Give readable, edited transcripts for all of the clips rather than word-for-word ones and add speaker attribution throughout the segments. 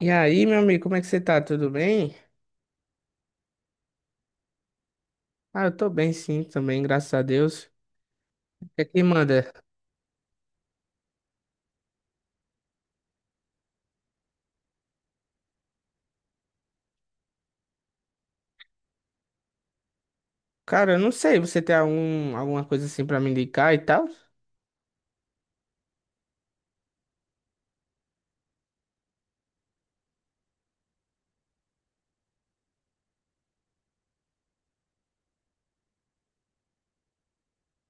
Speaker 1: E aí, meu amigo, como é que você tá? Tudo bem? Eu tô bem sim, também, graças a Deus. O que é que manda? Cara, eu não sei, você tem alguma coisa assim pra me indicar e tal?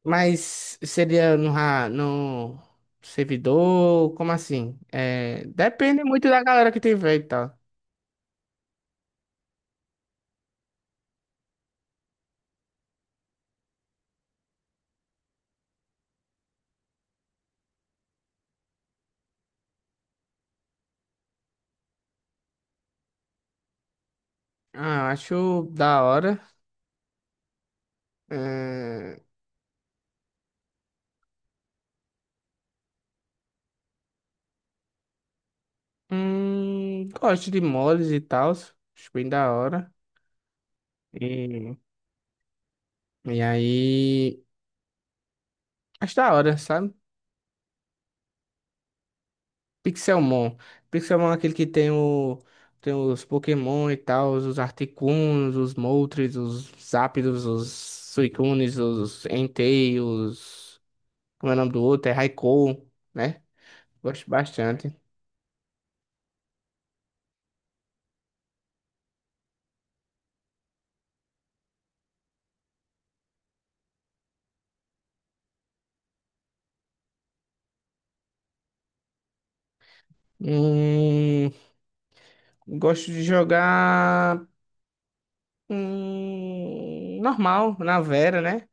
Speaker 1: Mas seria no servidor, como assim? É, depende muito da galera que tiver e tal. Ah, eu acho da hora. É, gosto de mods e tal, acho bem da hora. E, e aí, acho da hora, sabe? Pixelmon. Pixelmon é aquele que tem o tem os Pokémon e tal, os Articunos, os Moltres, os Zapdos, os Suicunes, os Entei, os... como é o nome do outro? É Raikou, né? Gosto bastante. Hum, gosto de jogar normal, na Vera, né?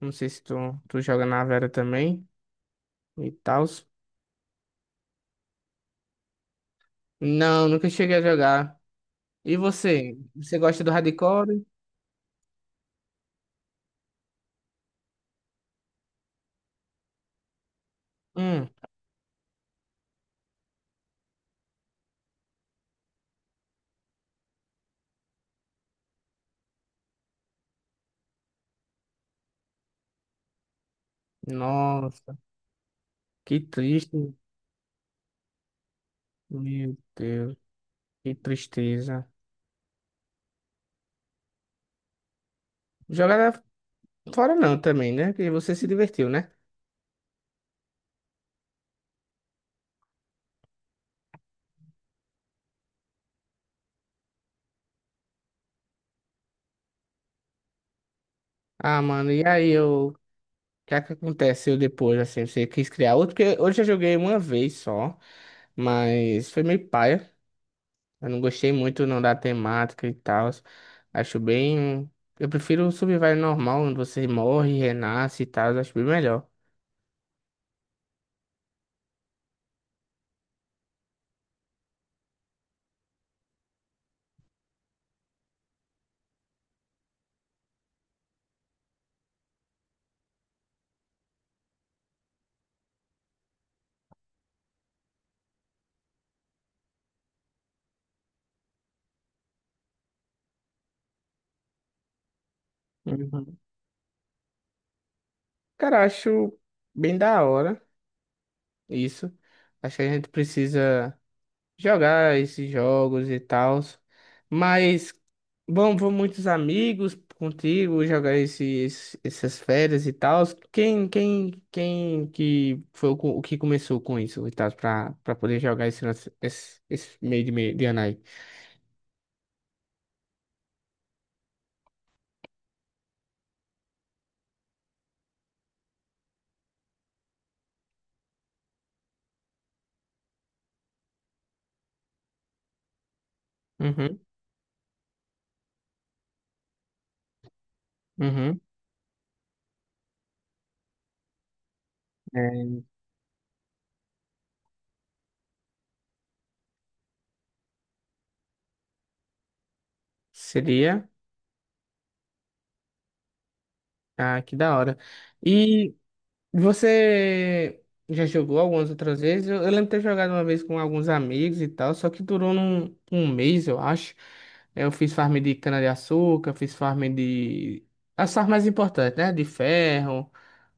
Speaker 1: Não sei se tu joga na Vera também e tal. Não, nunca cheguei a jogar. E você? Você gosta do hardcore? Hum. Nossa, que triste. Meu Deus, que tristeza. Jogar fora não também, né? Porque você se divertiu, né? Ah, mano, e aí eu. O que é que aconteceu depois, assim? Você quis criar outro? Porque hoje eu joguei uma vez só, mas foi meio paia. Eu não gostei muito não da temática e tal. Acho bem. Eu prefiro o Survival normal, onde você morre, renasce e tal. Acho bem melhor. Uhum. Cara, acho bem da hora isso. Acho que a gente precisa jogar esses jogos e tal. Mas vão muitos amigos contigo jogar essas férias e tal. Quem que foi o que começou com isso e tal, pra poder jogar esse meio de, de ano aí? Uhum, uhum. É, seria. Ah, que da hora. E. Você já jogou algumas outras vezes? Eu lembro de ter jogado uma vez com alguns amigos e tal, só que durou um mês, eu acho. É, eu fiz farm de cana-de-açúcar, fiz farm de... as farms mais importantes, né? De ferro.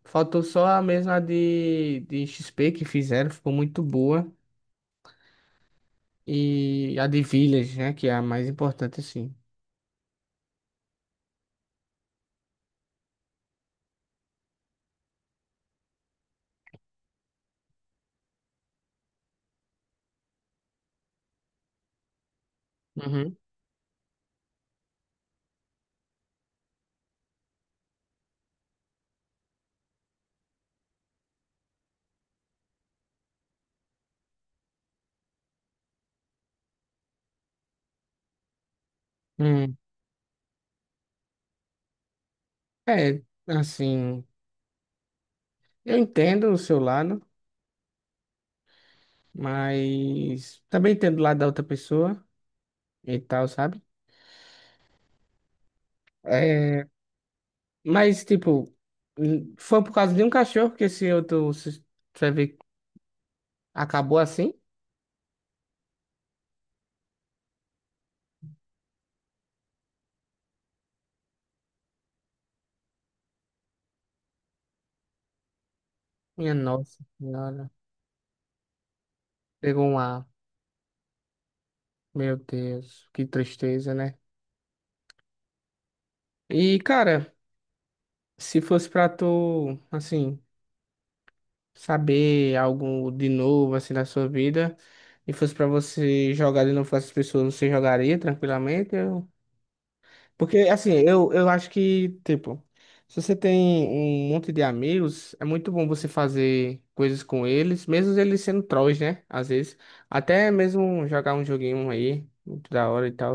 Speaker 1: Faltou só a mesma de XP que fizeram, ficou muito boa. E a de Village, né? Que é a mais importante, assim. Uhum. Hum. É, assim, eu entendo o seu lado, mas também entendo o lado da outra pessoa e tal, sabe? É, mas, tipo, foi por causa de um cachorro que esse outro se- você vê, acabou assim? Minha nossa senhora. Pegou um ar. Meu Deus, que tristeza, né? E, cara, se fosse pra tu, assim, saber algo de novo, assim, na sua vida, e fosse pra você jogar de novo com essas pessoas, você jogaria tranquilamente? Porque, assim, eu acho que, tipo, se você tem um monte de amigos, é muito bom você fazer coisas com eles, mesmo eles sendo trolls, né? Às vezes. Até mesmo jogar um joguinho aí, muito da hora e tal.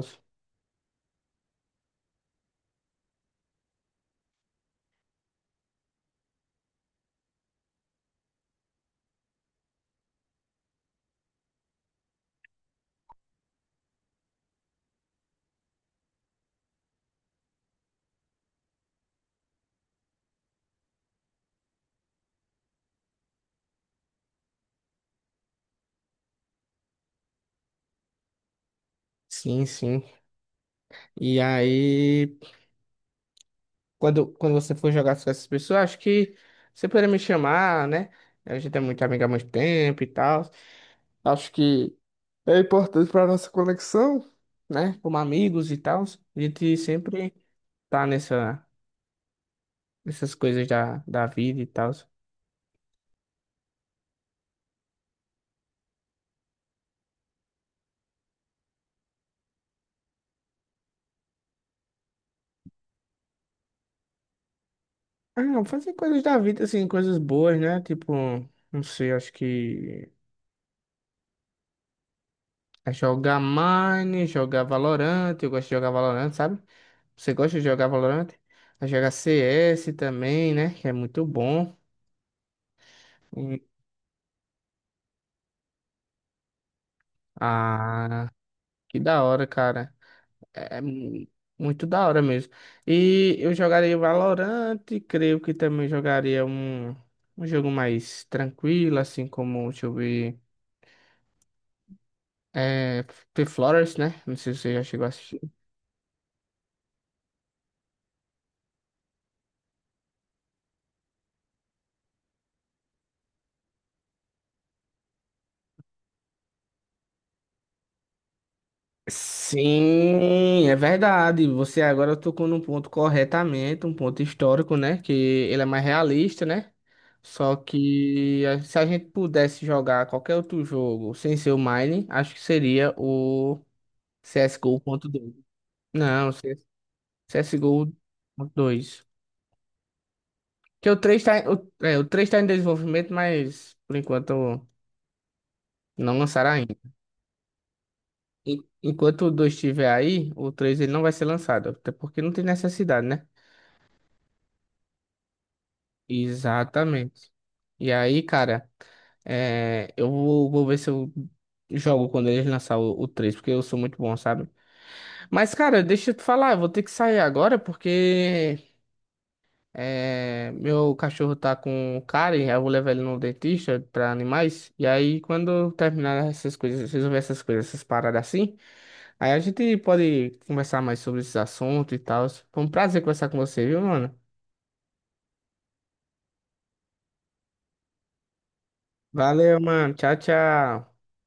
Speaker 1: Sim, sim. E aí, quando você for jogar com essas pessoas, acho que você poderia me chamar, né? A gente é muito amigo há muito tempo e tal. Acho que é importante para nossa conexão, né? Como amigos e tal. A gente sempre tá nessa. Essas coisas da vida e tal. Ah, fazer coisas da vida, assim, coisas boas, né? Tipo, não sei, acho que é jogar Mine, jogar Valorant. Eu gosto de jogar Valorant, sabe? Você gosta de jogar Valorant? É jogar CS também, né? Que é muito bom. E- ah, que da hora, cara. É é mu- muito da hora mesmo. E eu jogaria Valorant, creio que também jogaria um jogo mais tranquilo, assim como, deixa eu ver. É, The Flowers, né? Não sei se você já chegou a assistir. Sim, é verdade. Você agora tocou num ponto corretamente, um ponto histórico, né? Que ele é mais realista, né? Só que se a gente pudesse jogar qualquer outro jogo sem ser o Mine, acho que seria o CSGO.2. Não, CS CSGO.2. Que o 3 tá em desenvolvimento, mas por enquanto não lançaram ainda. Enquanto o 2 estiver aí, o 3 ele não vai ser lançado, até porque não tem necessidade, né? Exatamente. E aí, cara, vou ver se eu jogo quando eles lançar o 3, porque eu sou muito bom, sabe? Mas, cara, deixa eu te falar, eu vou ter que sair agora, porque... é, meu cachorro tá com cárie, aí eu vou levar ele no dentista pra animais. E aí, quando eu terminar essas coisas, resolver essas coisas, essas paradas assim, aí a gente pode conversar mais sobre esses assuntos e tal. Foi um prazer conversar com você, viu, mano? Valeu, mano. Tchau, tchau.